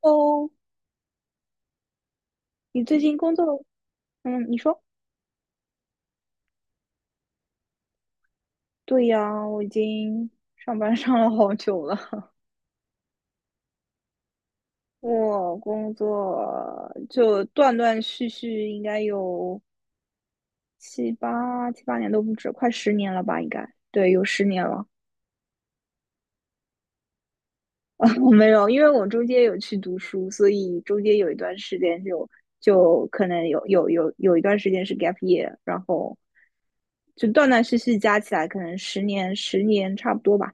哦，你最近工作？嗯，你说？对呀，我已经上班上了好久了。我工作就断断续续，应该有七八年都不止，快十年了吧？应该，对，有十年了。我没有，因为我中间有去读书，所以中间有一段时间就可能有一段时间是 gap year，然后就断断续续加起来，可能十年差不多吧。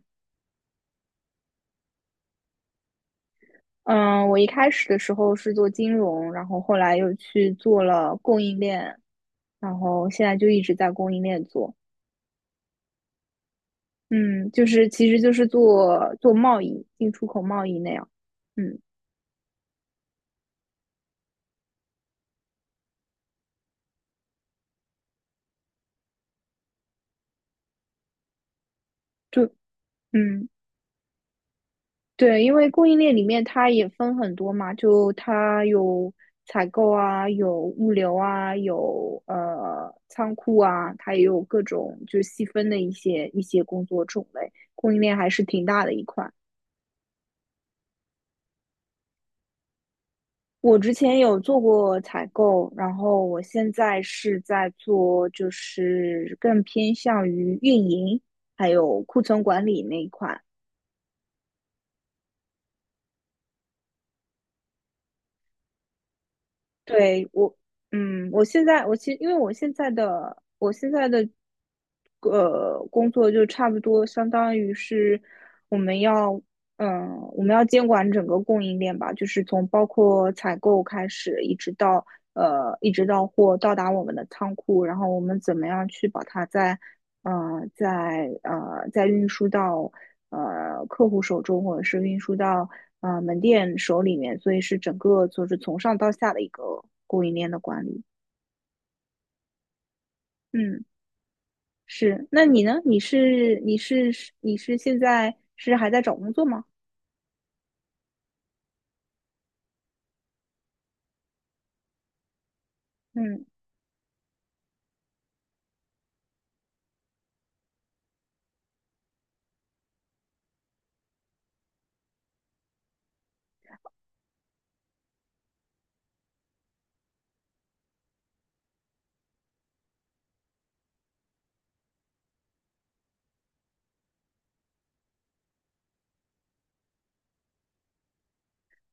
嗯，我一开始的时候是做金融，然后后来又去做了供应链，然后现在就一直在供应链做。嗯，就是其实就是做做贸易，进出口贸易那样。嗯，就嗯对，因为供应链里面它也分很多嘛，就它有采购啊，有物流啊，有仓库啊，它也有各种就是细分的一些工作种类，供应链还是挺大的一块。我之前有做过采购，然后我现在是在做，就是更偏向于运营还有库存管理那一块。对，我，我现在我其实因为我现在的工作就差不多相当于是我们要嗯我们要监管整个供应链吧，就是从包括采购开始，一直到货到达我们的仓库，然后我们怎么样去把它在在运输到客户手中，或者是运输到门店手里面，所以是整个就是从上到下的一个供应链的管理。嗯，是。那你呢？你现在是还在找工作吗？嗯，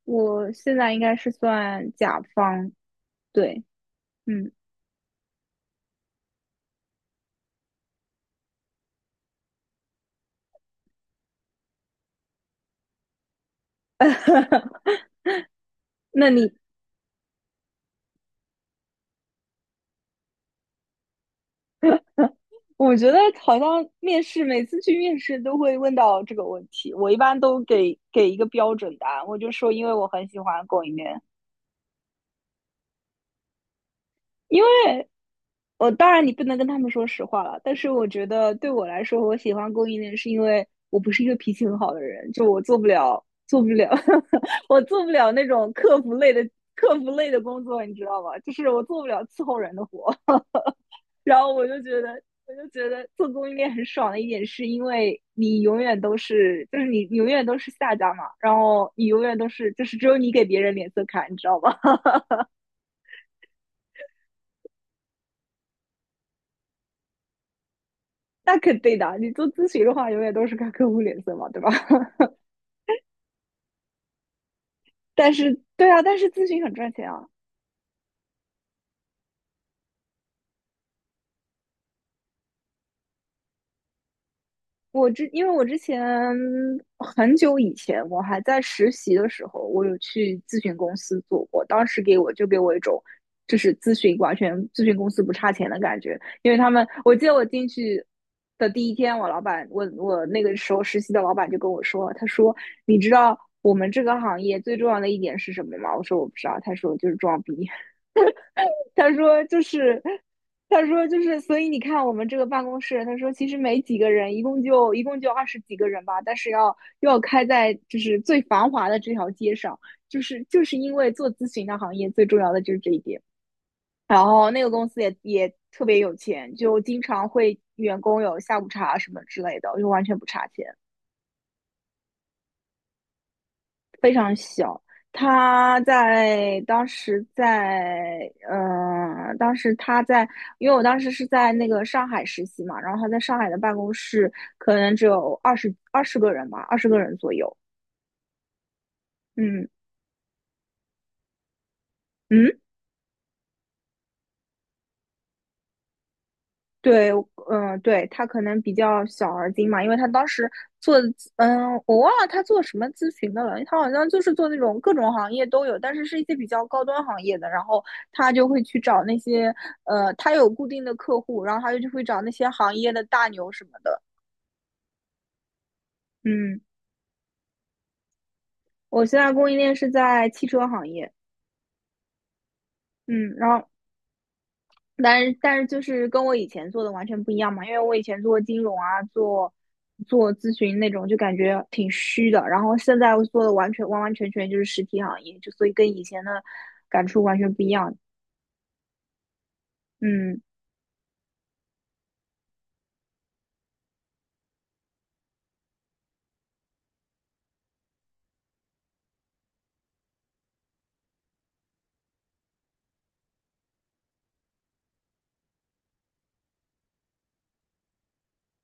我现在应该是算甲方，对，嗯。那你我觉得好像面试每次去面试都会问到这个问题，我一般都给一个标准答案，我就说因为我很喜欢供应链，因为我当然你不能跟他们说实话了，但是我觉得对我来说，我喜欢供应链是因为我不是一个脾气很好的人，就我做不了，我做不了那种客服类的工作，你知道吗？就是我做不了伺候人的活。然后我就觉得，我就觉得做供应链很爽的一点，是因为你永远都是，就是你永远都是下家嘛，然后你永远都是，就是只有你给别人脸色看，你知道吗？那肯定的，你做咨询的话，永远都是看客户脸色嘛，对吧？但是，对啊，但是咨询很赚钱啊，因为我之前很久以前，我还在实习的时候，我有去咨询公司做过，当时给我一种，就是咨询公司不差钱的感觉，因为他们，我记得我进去的第一天，我老板，我那个时候实习的老板就跟我说，他说，你知道我们这个行业最重要的一点是什么吗？我说我不知道，他说就是装逼。他说就是，他说就是，所以你看我们这个办公室，他说其实没几个人，一共就20几个人吧，但是要又要开在就是最繁华的这条街上，就是因为做咨询的行业最重要的就是这一点。然后那个公司也特别有钱，就经常会员工有下午茶什么之类的，就完全不差钱。非常小。他在当时在嗯，当时他在，因为我当时是在那个上海实习嘛，然后他在上海的办公室可能只有二十个人吧，二十个人左右。嗯嗯，对，嗯，对，他可能比较小而精嘛，因为他当时做的咨嗯，我忘了他做什么咨询的了，他好像就是做那种各种行业都有，但是是一些比较高端行业的，然后他就会去找那些，他有固定的客户，然后他就会找那些行业的大牛什么的。嗯，我现在供应链是在汽车行业，嗯，然后但是就是跟我以前做的完全不一样嘛，因为我以前做金融啊，做咨询那种，就感觉挺虚的。然后现在我做的完完全全就是实体行业，就所以跟以前的感触完全不一样。嗯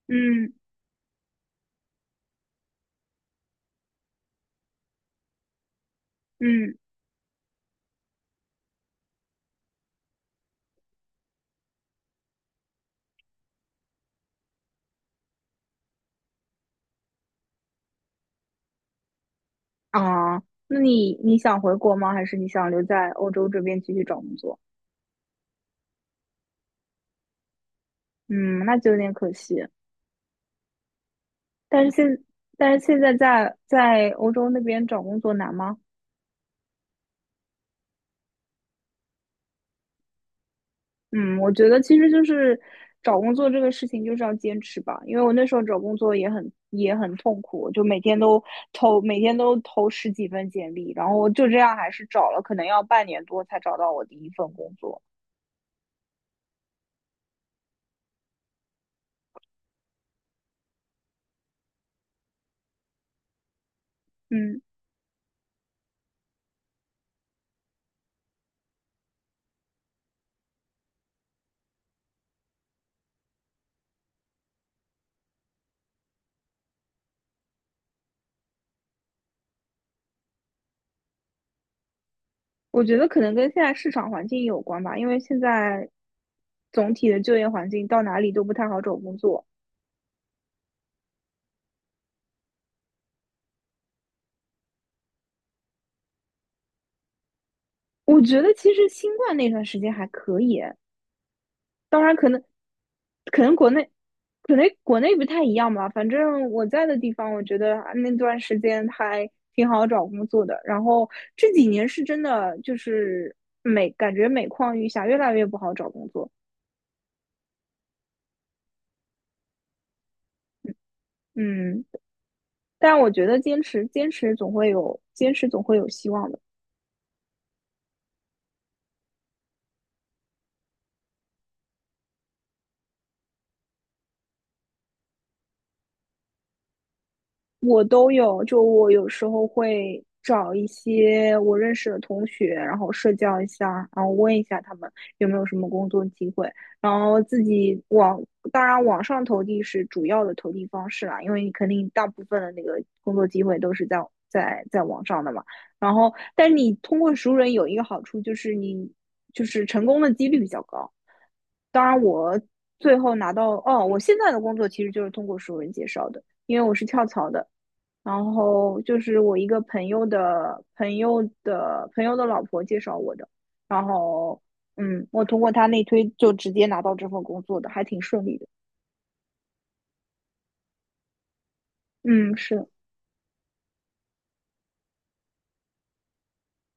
嗯嗯啊，那你想回国吗？还是你想留在欧洲这边继续找工作？嗯，那就有点可惜。但是现但是现在在欧洲那边找工作难吗？嗯，我觉得其实就是找工作这个事情就是要坚持吧，因为我那时候找工作也很痛苦，就每天都投10几份简历，然后就这样还是找了，可能要半年多才找到我第一份工作。嗯，我觉得可能跟现在市场环境有关吧，因为现在总体的就业环境到哪里都不太好找工作。我觉得其实新冠那段时间还可以，当然可能国内可能国内不太一样吧，反正我在的地方，我觉得啊那段时间还挺好找工作的。然后这几年是真的就是感觉每况愈下，越来越不好找工作。嗯，但我觉得坚持总会有希望的。我都有，就我有时候会找一些我认识的同学，然后社交一下，然后问一下他们有没有什么工作机会，然后自己网，当然网上投递是主要的投递方式啦，因为你肯定大部分的那个工作机会都是在网上的嘛。然后，但你通过熟人有一个好处就是你就是成功的几率比较高。当然，我最后拿到，哦，我现在的工作其实就是通过熟人介绍的，因为我是跳槽的。然后就是我一个朋友的朋友的朋友的老婆介绍我的，然后我通过他内推就直接拿到这份工作的，还挺顺利的。嗯，是，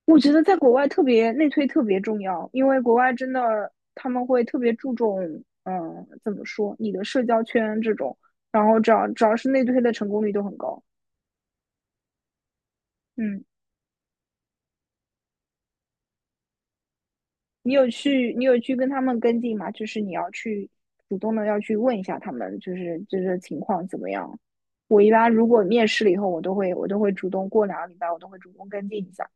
我觉得在国外特别内推特别重要，因为国外真的他们会特别注重，嗯，怎么说，你的社交圈这种，然后只要是内推的成功率都很高。嗯。你有去跟他们跟进吗？就是你要去主动的要去问一下他们，就是情况怎么样。我一般如果面试了以后，我都会主动过2个礼拜，我都会主动跟进一下。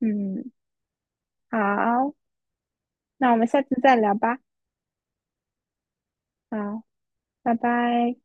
嗯，好，那我们下次再聊吧。好，拜拜。